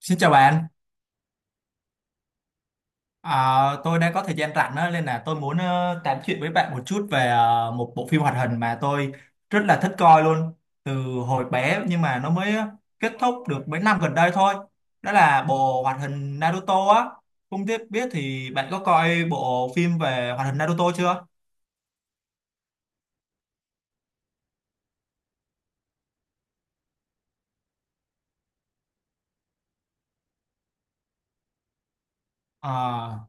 Xin chào bạn. À, tôi đang có thời gian rảnh đó, nên là tôi muốn tám chuyện với bạn một chút về một bộ phim hoạt hình mà tôi rất là thích coi luôn từ hồi bé nhưng mà nó mới kết thúc được mấy năm gần đây thôi. Đó là bộ hoạt hình Naruto á. Không biết biết thì bạn có coi bộ phim về hoạt hình Naruto chưa? À,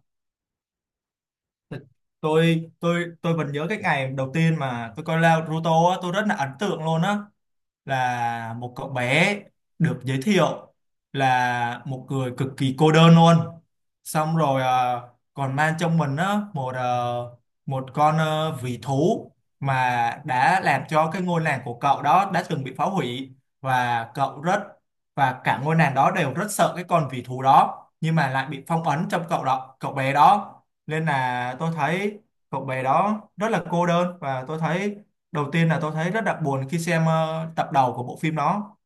th- tôi vẫn nhớ cái ngày đầu tiên mà tôi coi Naruto á, tôi rất là ấn tượng luôn á. Là một cậu bé được giới thiệu là một người cực kỳ cô đơn luôn, xong rồi còn mang trong mình á một con vĩ thú mà đã làm cho cái ngôi làng của cậu đó đã từng bị phá hủy, và cậu rất và cả ngôi làng đó đều rất sợ cái con vĩ thú đó nhưng mà lại bị phong ấn trong cậu đó, cậu bé đó. Nên là tôi thấy cậu bé đó rất là cô đơn, và tôi thấy đầu tiên là tôi thấy rất đặc buồn khi xem tập đầu của bộ phim đó.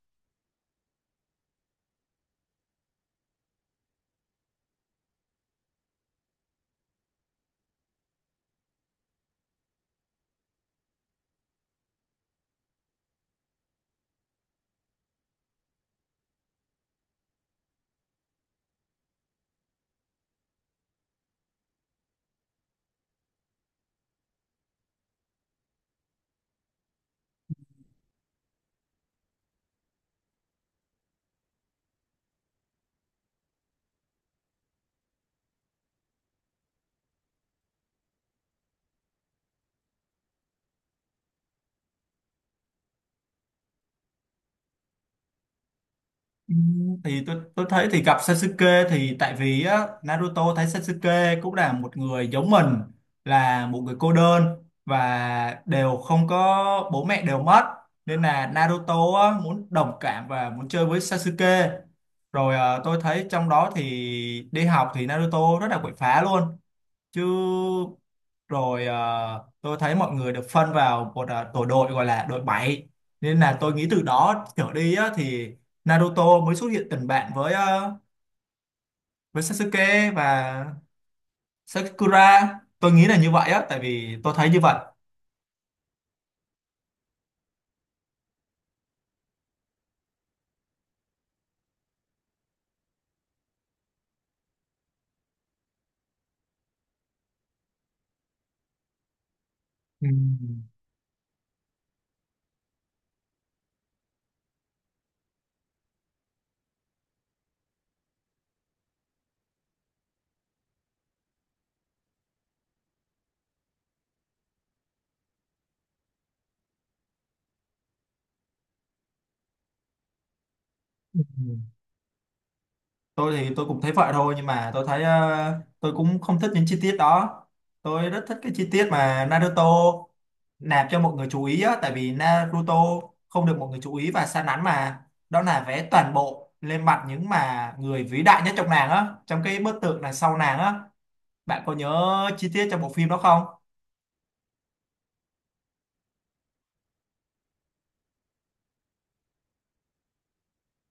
Thì tôi thấy thì gặp Sasuke thì tại vì á, Naruto thấy Sasuke cũng là một người giống mình, là một người cô đơn và đều không có bố mẹ đều mất, nên là Naruto á, muốn đồng cảm và muốn chơi với Sasuke. Rồi tôi thấy trong đó thì đi học thì Naruto rất là quậy phá luôn chứ. Rồi tôi thấy mọi người được phân vào một tổ đội gọi là đội bảy, nên là tôi nghĩ từ đó trở đi á, thì Naruto mới xuất hiện tình bạn với Sasuke và Sakura, tôi nghĩ là như vậy á tại vì tôi thấy như vậy. Ừ. Tôi thì tôi cũng thấy vậy thôi nhưng mà tôi thấy tôi cũng không thích những chi tiết đó. Tôi rất thích cái chi tiết mà Naruto nạp cho mọi người chú ý á tại vì Naruto không được mọi người chú ý và sa nắn mà, đó là vẽ toàn bộ lên mặt những mà người vĩ đại nhất trong nàng á, trong cái bức tượng đằng sau nàng á. Bạn có nhớ chi tiết trong bộ phim đó không?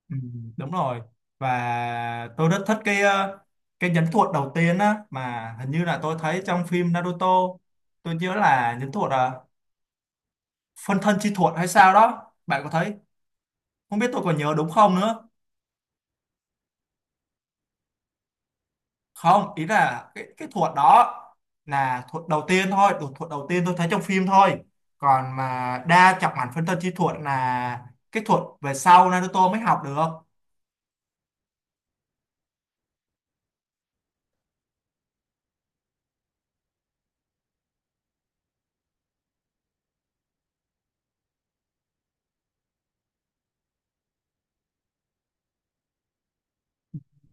Ừ, đúng rồi. Và tôi rất thích cái nhẫn thuật đầu tiên á mà hình như là tôi thấy trong phim Naruto. Tôi nhớ là nhẫn thuật à, phân thân chi thuật hay sao đó, bạn có thấy? Không biết tôi còn nhớ đúng không nữa. Không, ý là cái thuật đó là thuật đầu tiên thôi, thuật đầu tiên tôi thấy trong phim thôi, còn mà đa trọng ảnh phân thân chi thuật là cái thuật về sau Naruto mới học được.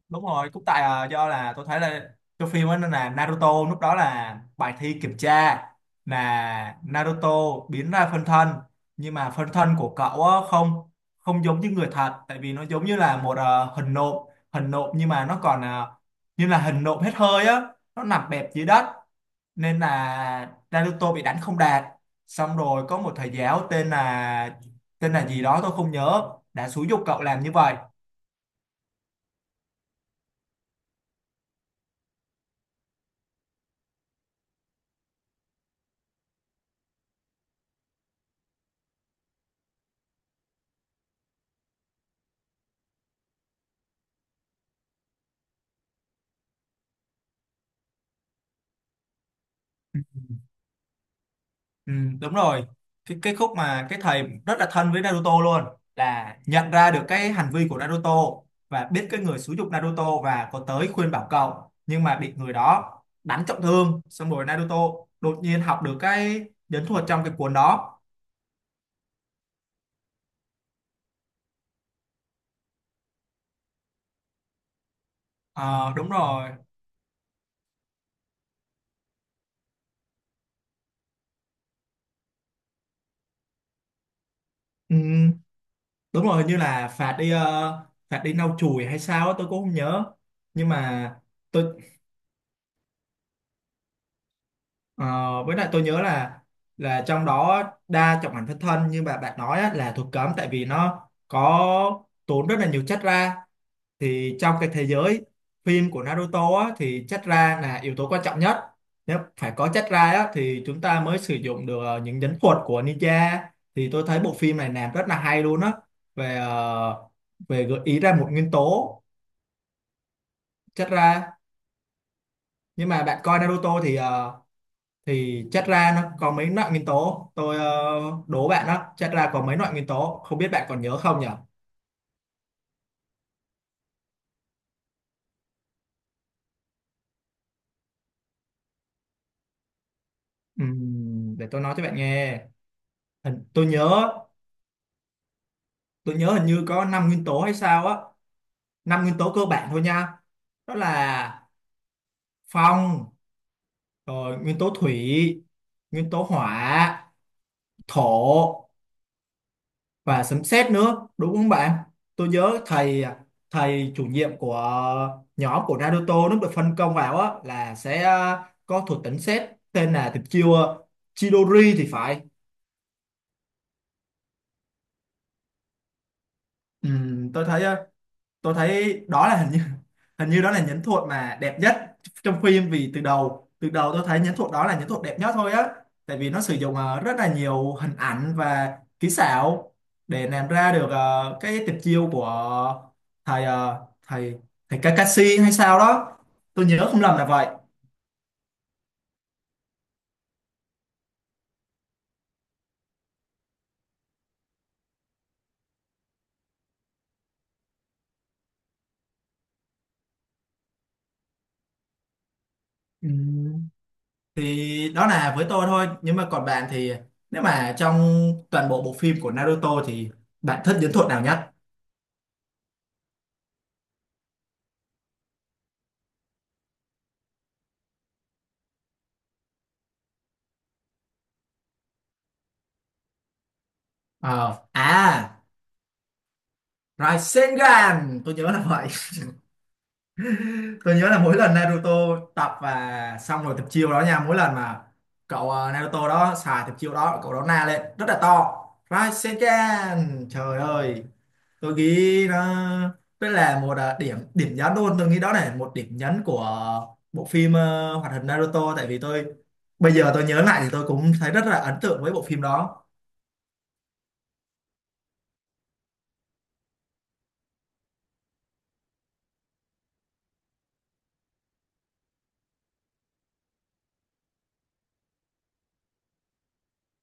Đúng rồi cũng tại do là tôi thấy là cái phim ấy nó là Naruto lúc đó là bài thi kiểm tra mà Naruto biến ra phân thân, nhưng mà phân thân của cậu á, không không giống như người thật tại vì nó giống như là một hình nộm. Hình nộm nhưng mà nó còn như là hình nộm hết hơi á, nó nằm bẹp dưới đất, nên là Naruto bị đánh không đạt. Xong rồi có một thầy giáo tên là gì đó tôi không nhớ đã xúi giục cậu làm như vậy. Ừ, đúng rồi cái khúc mà cái thầy rất là thân với Naruto luôn là nhận ra được cái hành vi của Naruto và biết cái người xúi giục Naruto và có tới khuyên bảo cậu, nhưng mà bị người đó đánh trọng thương, xong rồi Naruto đột nhiên học được cái nhẫn thuật trong cái cuốn đó. Ờ, đúng rồi. Ừ, đúng rồi hình như là phạt đi phạt đi lau chùi hay sao á, tôi cũng không nhớ. Nhưng mà tôi Ờ, với lại tôi nhớ là trong đó, đa trọng ảnh phân thân như bà bạn nói á, là thuộc cấm tại vì nó có tốn rất là nhiều chất ra. Thì trong cái thế giới phim của Naruto á, thì chất ra là yếu tố quan trọng nhất, nếu phải có chất ra á, thì chúng ta mới sử dụng được những nhẫn thuật của ninja. Thì tôi thấy bộ phim này làm rất là hay luôn á về về gợi ý ra một nguyên tố chất ra. Nhưng mà bạn coi Naruto thì thì chất ra nó có mấy loại nguyên tố, tôi đố bạn đó chất ra có mấy loại nguyên tố không biết bạn còn nhớ không nhỉ? Để tôi nói cho bạn nghe. Tôi nhớ hình như có 5 nguyên tố hay sao á, năm nguyên tố cơ bản thôi nha, đó là phong, rồi nguyên tố thủy, nguyên tố hỏa, thổ, và sấm sét nữa đúng không bạn? Tôi nhớ thầy thầy chủ nhiệm của nhóm của Naruto nó được phân công vào á là sẽ có thuật tính sét tên là tuyệt chiêu Chidori thì phải. Ừ, tôi thấy tôi thấy đó là hình như, đó là nhẫn thuật mà đẹp nhất trong phim, vì từ đầu tôi thấy nhẫn thuật đó là nhẫn thuật đẹp nhất thôi á, tại vì nó sử dụng rất là nhiều hình ảnh và kỹ xảo để làm ra được cái tuyệt chiêu của thầy ờ, thầy thầy Kakashi hay sao đó, tôi nhớ không lầm là vậy. Ừm, thì đó là với tôi thôi, nhưng mà còn bạn thì nếu mà trong toàn bộ bộ phim của Naruto thì bạn thích nhẫn thuật nào nhất? Ờ, à Rasengan tôi nhớ là vậy. Tôi nhớ là mỗi lần Naruto tập và xong rồi tập chiêu đó nha, mỗi lần mà cậu Naruto đó xài tập chiêu đó cậu đó na lên rất là to, Rasengan, trời ơi. Tôi nghĩ nó rất là một điểm điểm nhấn luôn, tôi nghĩ đó là một điểm nhấn của bộ phim hoạt hình Naruto, tại vì tôi bây giờ tôi nhớ lại thì tôi cũng thấy rất là ấn tượng với bộ phim đó.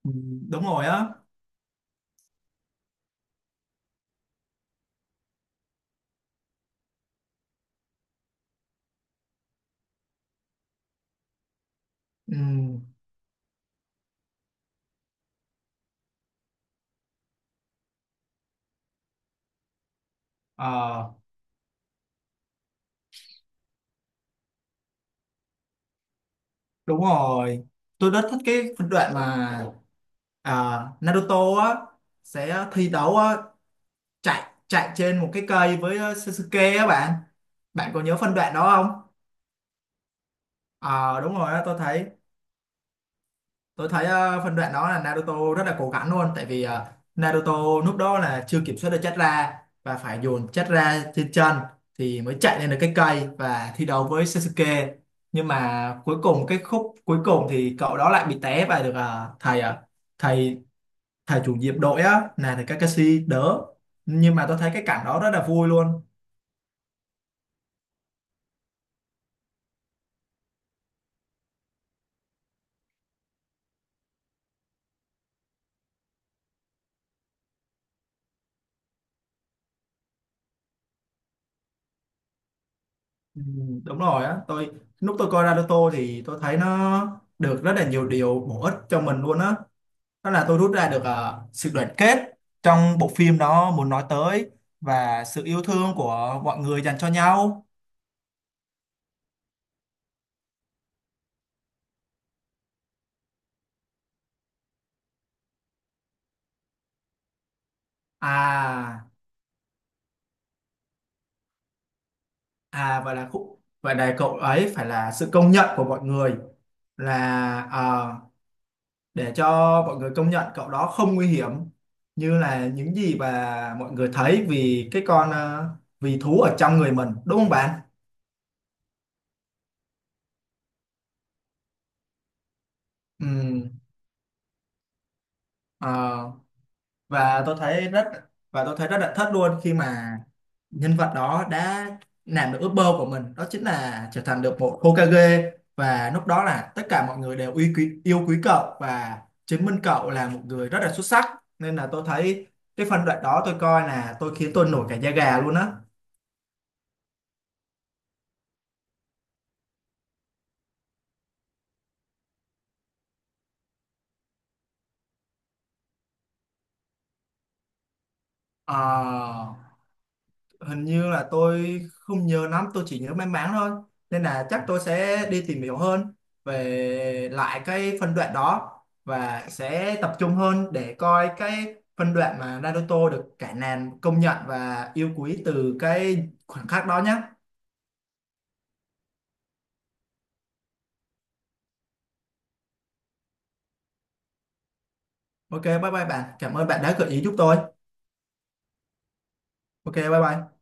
Ừ, đúng rồi á. Ừ. Ờ, đúng rồi, tôi rất thích cái phân đoạn mà Naruto á sẽ thi đấu á, chạy chạy trên một cái cây với Sasuke á bạn. Bạn có nhớ phân đoạn đó không? Ờ đúng rồi, á, tôi thấy phân đoạn đó là Naruto rất là cố gắng luôn tại vì Naruto lúc đó là chưa kiểm soát được Chakra, và phải dồn Chakra trên chân thì mới chạy lên được cái cây và thi đấu với Sasuke. Nhưng mà cuối cùng, cái khúc cuối cùng thì cậu đó lại bị té và được ờ, thầy thầy chủ nhiệm đội á là thầy Kakashi đỡ, nhưng mà tôi thấy cái cảnh đó rất là vui luôn. Ừ, đúng rồi á, tôi lúc tôi coi Naruto thì tôi thấy nó được rất là nhiều điều bổ ích cho mình luôn á, đó là tôi rút ra được sự đoàn kết trong bộ phim đó muốn nói tới và sự yêu thương của mọi người dành cho nhau. à vậy là cậu ấy phải là sự công nhận của mọi người, là để cho mọi người công nhận cậu đó không nguy hiểm như là những gì mà mọi người thấy vì cái con vì thú ở trong người mình, đúng không bạn? Ừm, ờ, và tôi thấy rất và tôi thấy rất là thất luôn khi mà nhân vật đó đã làm được ước mơ của mình đó chính là trở thành được một Hokage, và lúc đó là tất cả mọi người đều yêu quý cậu và chứng minh cậu là một người rất là xuất sắc, nên là tôi thấy cái phân đoạn đó tôi coi là tôi khiến tôi nổi cả da gà luôn á. Ờ, hình như là tôi không nhớ lắm, tôi chỉ nhớ mang máng thôi. Nên là chắc tôi sẽ đi tìm hiểu hơn về lại cái phân đoạn đó và sẽ tập trung hơn để coi cái phân đoạn mà Naruto được cả nàn công nhận và yêu quý từ cái khoảnh khắc đó nhé. Ok, bye bye bạn. Cảm ơn bạn đã gợi ý giúp tôi. Ok, bye bye.